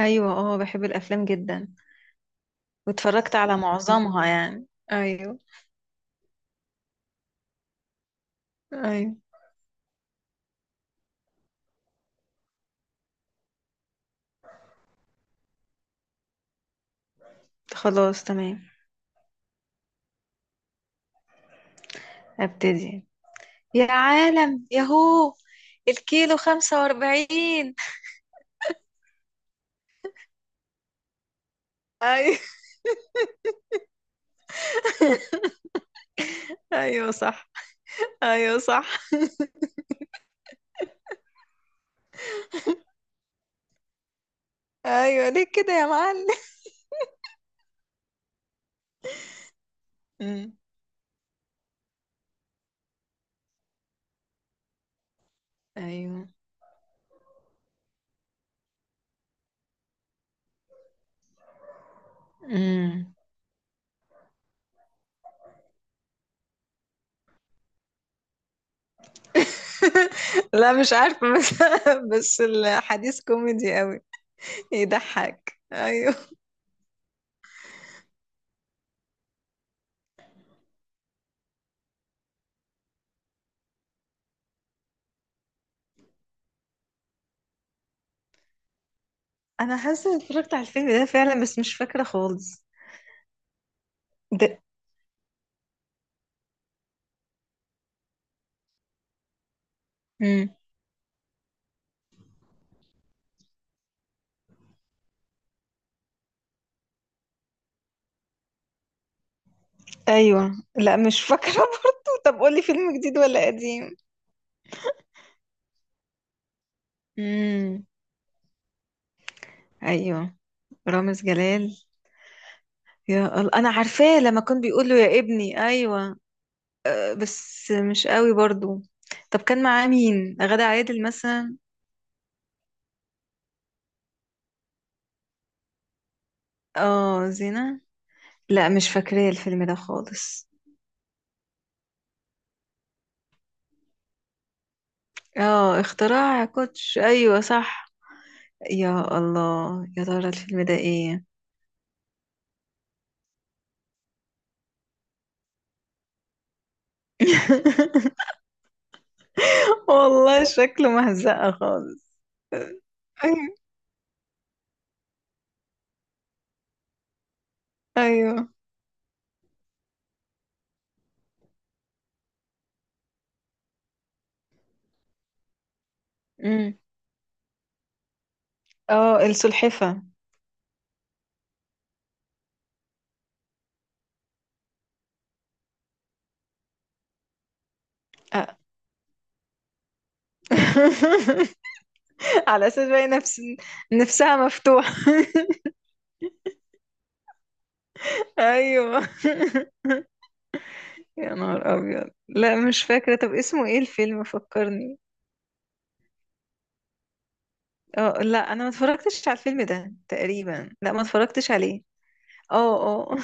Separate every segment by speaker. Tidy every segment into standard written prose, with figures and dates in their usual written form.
Speaker 1: ايوه، اه، بحب الافلام جدا. واتفرجت على معظمها يعني. ايوه. ايوه. خلاص تمام. ابتدي، يا عالم ياهو، الكيلو 45. ايوه. ايوه صح. ايوه صح. ايوه، ليه كده يا معلم؟ أمم، ايوه. أمم. لا مش عارفة، بس بس الحديث كوميدي قوي. يضحك ايوه. انا حاسة إني اتفرجت على الفيلم ده فعلا، بس مش فاكرة خالص ده. ايوه، لا مش فاكره برضه. طب قولي، فيلم جديد ولا قديم؟ امم. ايوه، رامز جلال. يا الله، انا عارفاه لما كان بيقول له يا ابني. ايوه، بس مش قوي برضه. طب كان معاه مين، غادة عادل مثلا؟ اه، زينة. لا مش فاكراه الفيلم ده خالص. اه، اختراع كوتش، ايوه صح. يا الله، يا ترى الفيلم ده ايه؟ والله شكله مهزقة خالص. ايوه. ايوه، اه، السلحفة. آه. على اساس بقى، نفسها مفتوحة. ايوه يا نهار ابيض، لا مش فاكرة. طب اسمه ايه الفيلم، فكرني. اه لا، انا ما اتفرجتش على الفيلم ده تقريبا، لا ما اتفرجتش عليه. اه اه.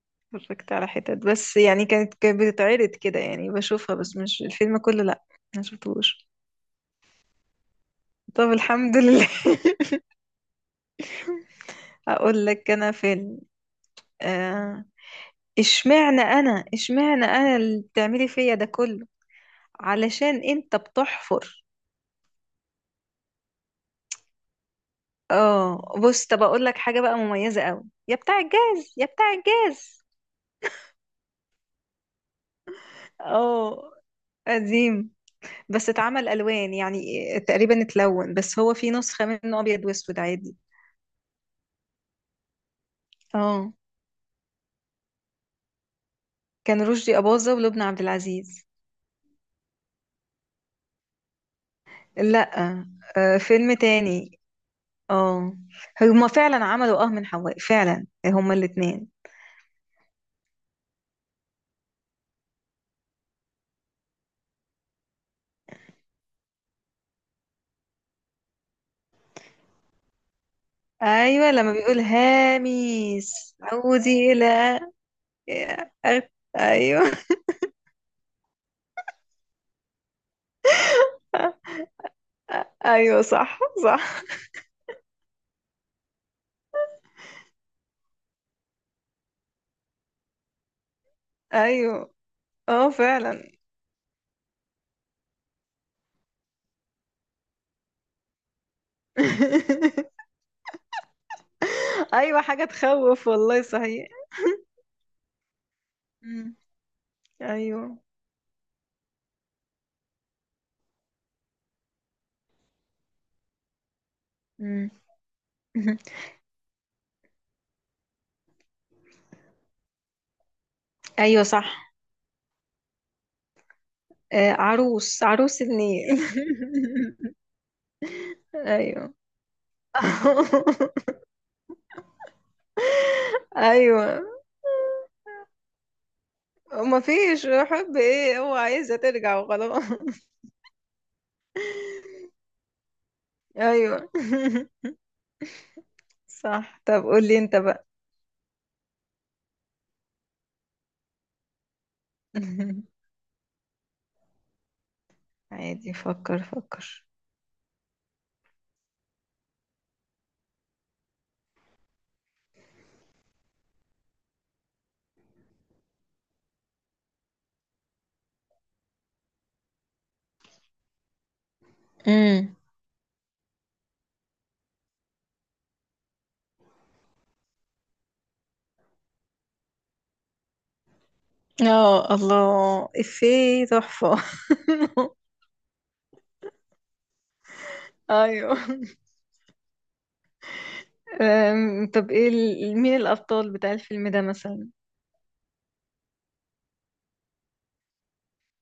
Speaker 1: اتفرجت على حتت بس يعني. كانت بتتعرض كده يعني، بشوفها بس مش الفيلم كله، لا. ما شفتوش. طب الحمد لله. اقول لك انا فيلم. آه، اشمعنى انا، اشمعنى انا اللي بتعملي فيا ده كله، علشان انت بتحفر. اه بص، طب اقول لك حاجه بقى مميزه قوي. يا بتاع الجاز، يا بتاع الجاز. اه، قديم، بس اتعمل الوان يعني، تقريبا اتلون، بس هو في نسخه منه ابيض واسود عادي. اه، كان رشدي اباظه ولبنى عبد العزيز. لا، آه، فيلم تاني. اه، هما فعلا عملوا اه من حواء فعلا، هما الاتنين. ايوه، لما بيقول هاميس عودي الى أغ- ايوه. ايوه صح صح. ايوه، اه فعلا. ايوه، حاجه تخوف والله صحيح. مم. ايوه. مم. ايوه صح. عروس عروس النيل. ايوه. ايوه، ما فيش حب، ايه هو عايزه ترجع وخلاص. ايوه. صح، طب قولي انت بقى. عادي، فكر فكر. امم. اه الله، افيه تحفة. ايوه. طب ايه مين الأبطال بتاع الفيلم ده مثلا؟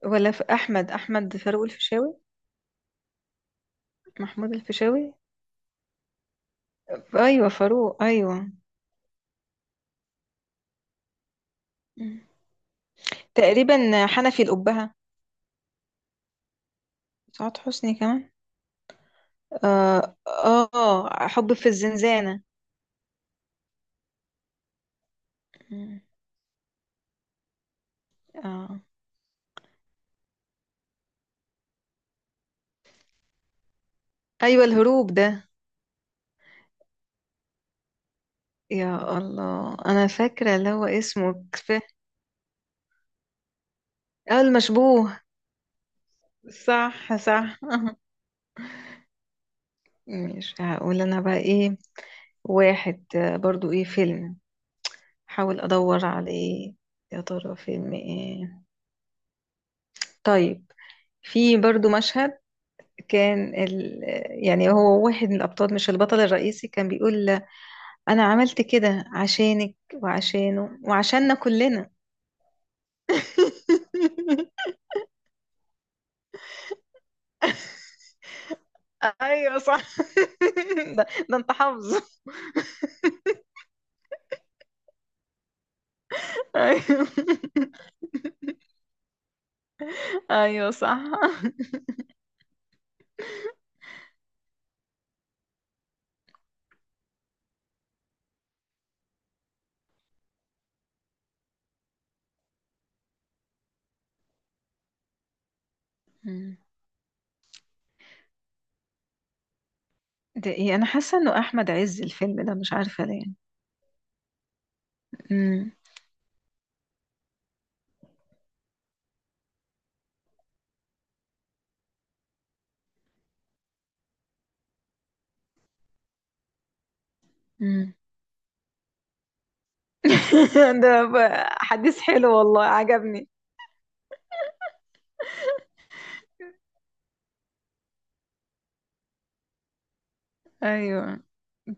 Speaker 1: ولا في أحمد فاروق الفيشاوي. محمود الفيشاوي. أيوة فاروق، أيوة. مم. تقريبا حنفي الأبهة. سعاد حسني كمان. حب في الزنزانة. مم. آه. أيوة، الهروب ده. يا الله، انا فاكره اللي هو اسمه كفايه. اه، المشبوه. صح صح. أها. مش هقول انا بقى ايه. واحد، برضو ايه فيلم، حاول ادور على ايه، يا ترى فيلم ايه. طيب، في برضو مشهد. كان ال... يعني هو واحد من الابطال، مش البطل الرئيسي، كان بيقول: انا عملت كده عشانك وعشانه وعشاننا كلنا. ايوه صح. ده انت حافظه. ايوه. ايوه صح. مم. ده ايه، انا حاسه انه احمد عز الفيلم ده، مش عارفه ليه. مم. مم. حديث حلو والله عجبني. ايوه.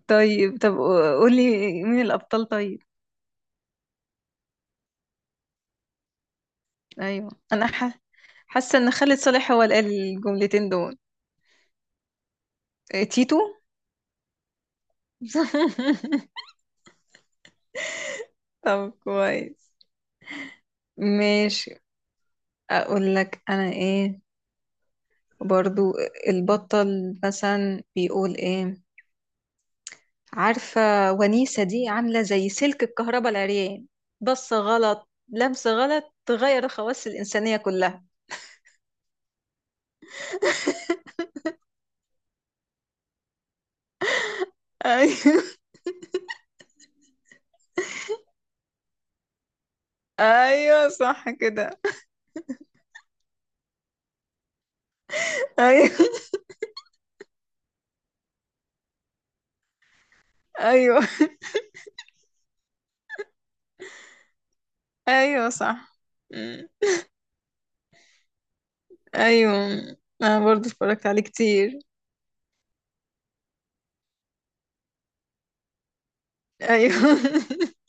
Speaker 1: طيب طب قولي، مين الابطال طيب. ايوه، حاسه ان خالد صالح هو اللي قال الجملتين دول. إيه، تيتو. طب كويس، ماشي. اقول لك انا ايه، برضو البطل مثلا بيقول ايه، عارفة. ونيسة دي عاملة زي سلك الكهرباء العريان، بص غلط لمس غلط تغير الخواص الإنسانية كلها. ايوه. ايوه صح كده. ايوه. ايوه. ايوه صح. أمم، ايوه. انا برضو اتفرجت عليه كتير. ايوه.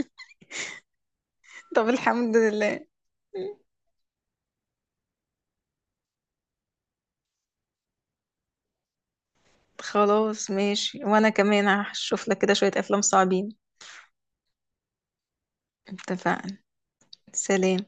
Speaker 1: طب الحمد لله. أمم، خلاص ماشي، وانا كمان هشوف لك كده شوية افلام صعبين. اتفقنا. سلام.